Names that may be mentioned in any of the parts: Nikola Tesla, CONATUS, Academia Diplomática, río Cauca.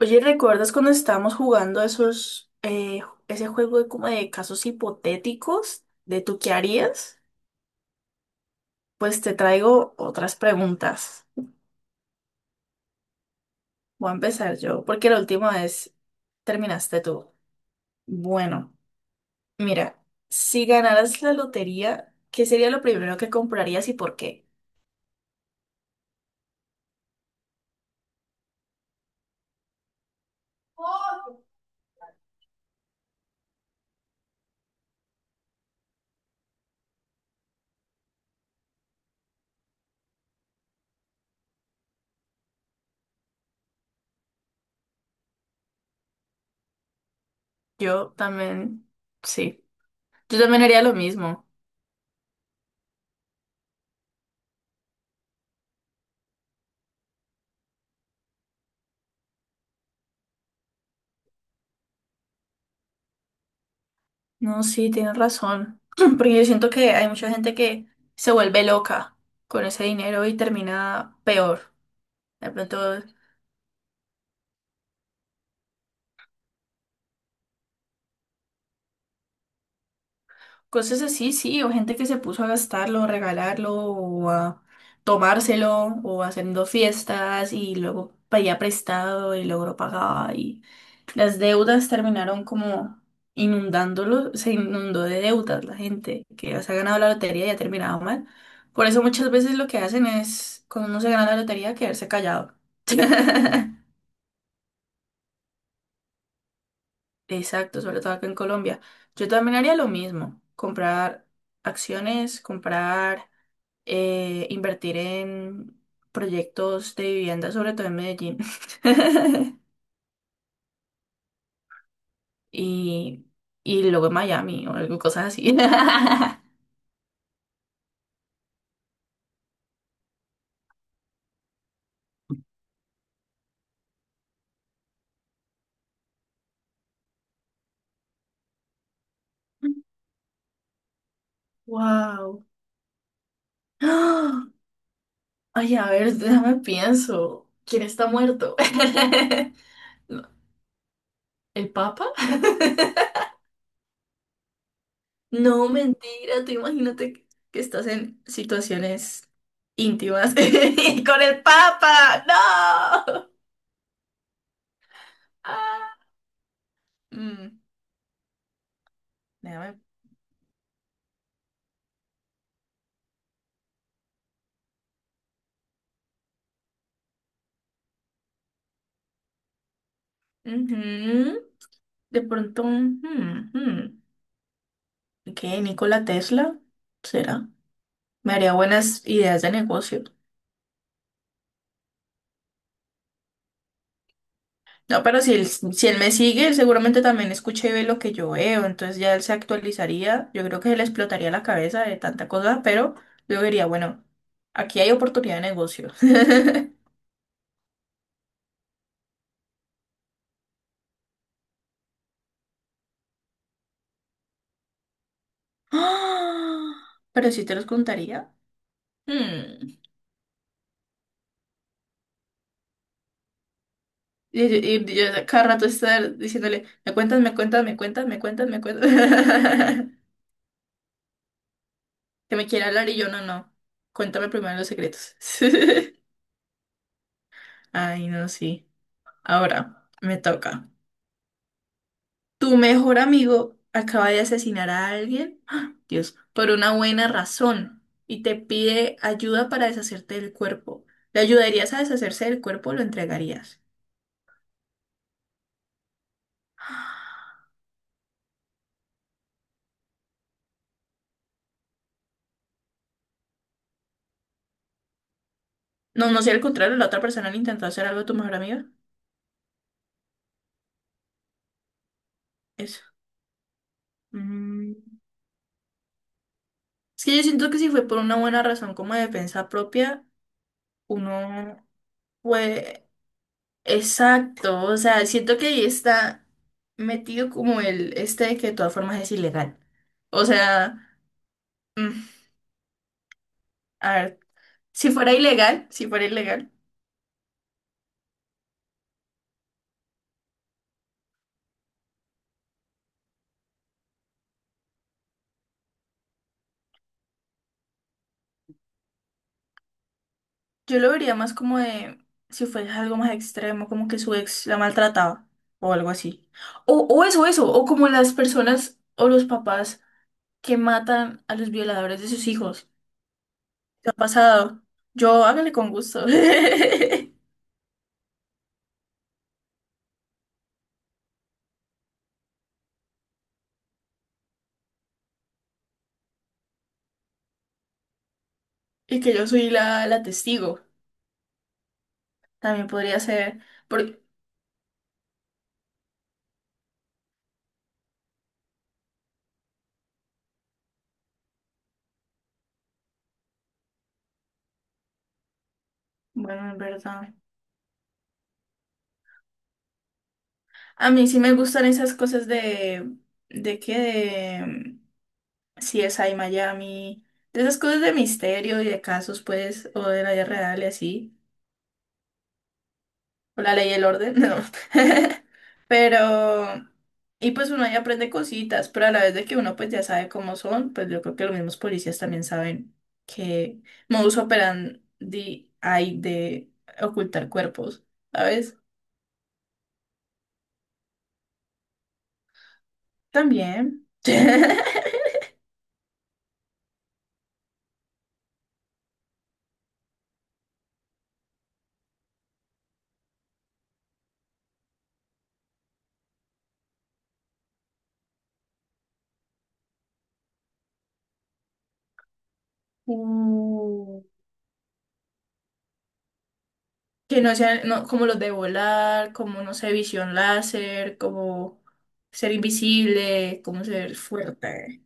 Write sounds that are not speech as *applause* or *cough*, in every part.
Oye, ¿recuerdas cuando estábamos jugando esos, ese juego de como de casos hipotéticos de tú qué harías? Pues te traigo otras preguntas. Voy a empezar yo, porque la última vez terminaste tú. Bueno, mira, si ganaras la lotería, ¿qué sería lo primero que comprarías y por qué? Yo también, sí, yo también haría lo mismo. No, sí, tienes razón. *clears throat* Porque yo siento que hay mucha gente que se vuelve loca con ese dinero y termina peor. De pronto, cosas así, sí, o gente que se puso a gastarlo, regalarlo, o a tomárselo, o haciendo fiestas y luego pedía prestado y logró pagar y las deudas terminaron como inundándolo, se inundó de deudas la gente que ya se ha ganado la lotería y ha terminado mal. Por eso muchas veces lo que hacen es, cuando uno se gana la lotería, quedarse callado. *laughs* Exacto, sobre todo acá en Colombia. Yo también haría lo mismo, comprar acciones, comprar, invertir en proyectos de vivienda, sobre todo en Medellín. *laughs* Y, luego en Miami o algo, cosas así. *laughs* Wow. ¡Ah! Ay, a ver, déjame pienso. ¿Quién está muerto? *laughs* No, ¿el Papa? *laughs* No, mentira, tú imagínate que estás en situaciones íntimas *laughs* y con el Papa. ¡No! Ah, mm, déjame. Ujú. De pronto, ¿Qué? ¿Nikola Tesla? ¿Será? Me haría buenas ideas de negocio. No, pero si él, si él me sigue, él seguramente también escucha y ve lo que yo veo, entonces ya él se actualizaría, yo creo que se le explotaría la cabeza de tanta cosa, pero yo diría, bueno, aquí hay oportunidad de negocio. *gasps* *laughs* ¡Ah! Pero si te los contaría. Hmm. Y, yo cada rato estar diciéndole, me cuentas, me cuentas, me cuentas, me cuentas, me cuentas. *laughs* Que me quiere hablar y yo no, no. Cuéntame primero los secretos. *laughs* Ay, no, sí. Ahora, me toca. Tu mejor amigo acaba de asesinar a alguien, ¡ah! Dios, por una buena razón y te pide ayuda para deshacerte del cuerpo. ¿Le ayudarías a deshacerse del cuerpo o lo entregarías? No, no sé, al contrario, la otra persona le intentó hacer algo a tu mejor amiga. Eso. Mm. Es que yo siento que si fue por una buena razón como de defensa propia, uno fue... Exacto, o sea, siento que ahí está metido como el este de que de todas formas es ilegal. O sea... mm, a ver, si fuera ilegal, yo lo vería más como de si fuera algo más extremo, como que su ex la maltrataba o algo así. O, eso, o como las personas o los papás que matan a los violadores de sus hijos. ¿Qué ha pasado? Yo hágale con gusto. *laughs* Y que yo soy la, la testigo. También podría ser. por- bueno, en verdad. A mí sí me gustan esas cosas de. ¿De qué? Si es ahí Miami, de esas cosas de misterio y de casos, pues, o de la vida real y así, o la ley y el orden, *laughs* no. *laughs* Pero, y pues uno ahí aprende cositas, pero a la vez de que uno pues ya sabe cómo son, pues yo creo que los mismos policías también saben que modus operandi hay de ocultar cuerpos, ¿sabes? También. *laughs* Mm. Que no sean no, como los de volar, como, no sé, visión láser, como ser invisible, como ser fuerte,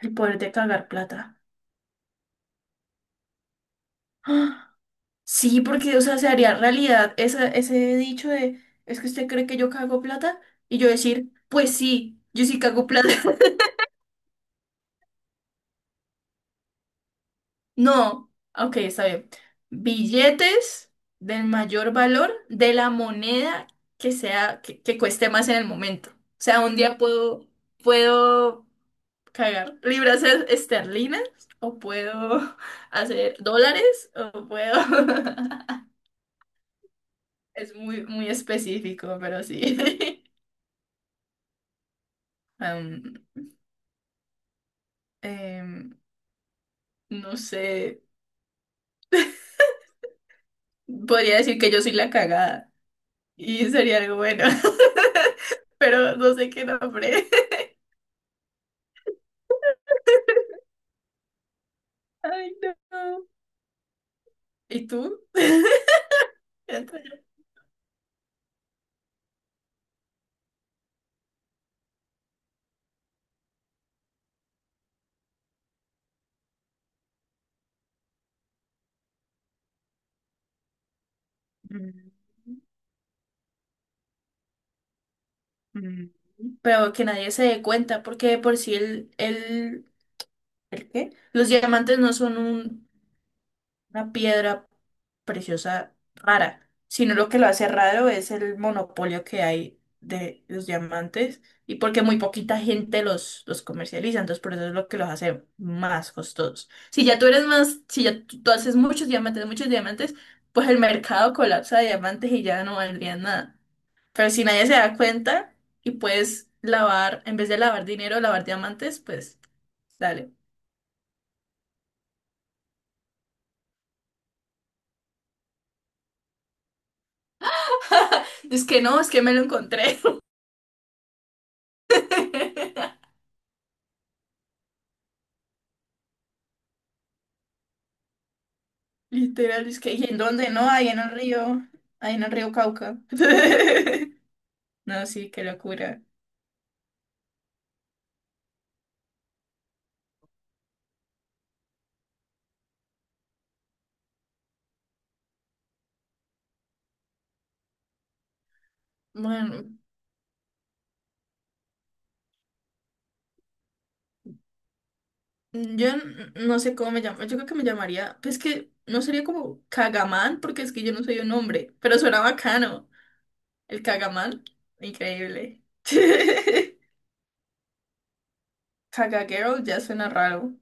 el poder de cagar plata. *gasps* ¡Ah! Sí, porque, o sea, se haría realidad esa- ese dicho de, es que usted cree que yo cago plata, y yo decir, pues sí, yo sí cago plata. *laughs* No, ok, está bien. Billetes del mayor valor de la moneda que sea, que cueste más en el momento. O sea, un día puedo, puedo cagar libras esterlinas o puedo *laughs* hacer dólares o puedo... *laughs* Es muy, muy específico, pero sí. *laughs* Am, em, no sé, podría decir que yo soy la cagada y sería algo bueno, *laughs* pero no sé qué nombre. *laughs* Ay, no. ¿Y tú? *laughs* Mm, mm. Pero que nadie se dé cuenta, porque de por si el, ¿el qué? Los diamantes no son un una piedra preciosa rara, sino lo que lo hace raro es el monopolio que hay de los diamantes y porque muy poquita gente los comercializa, entonces por eso es lo que los hace más costosos. Si ya tú eres más, si ya tú haces muchos diamantes, pues el mercado colapsa de diamantes y ya no valdría nada. Pero si nadie se da cuenta y puedes lavar, en vez de lavar dinero, lavar diamantes, pues dale. *laughs* Es que no, es que me lo encontré. *laughs* Literal, es que, ¿y en dónde? No, ahí en el río, ahí en el río Cauca. *laughs* No, sí, qué locura. Bueno, yo no sé cómo me llamo, yo creo que me llamaría, pues que no sería como Cagamán, porque es que yo no soy un hombre, pero suena bacano. El Cagamán, increíble. *laughs* Caga Girl ya suena raro.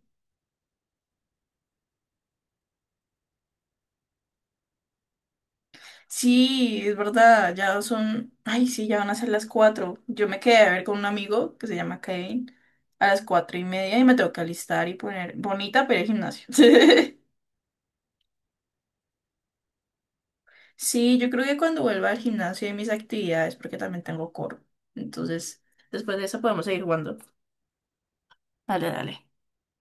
Sí, es verdad, ya son, ay, sí, ya van a ser las 4. Yo me quedé a ver con un amigo que se llama Kevin a las 4:30 y me tengo que alistar y poner bonita para ir al gimnasio. *laughs* Sí, yo creo que cuando vuelva al gimnasio y mis actividades, porque también tengo coro. Entonces, después de eso podemos seguir jugando. Dale, dale.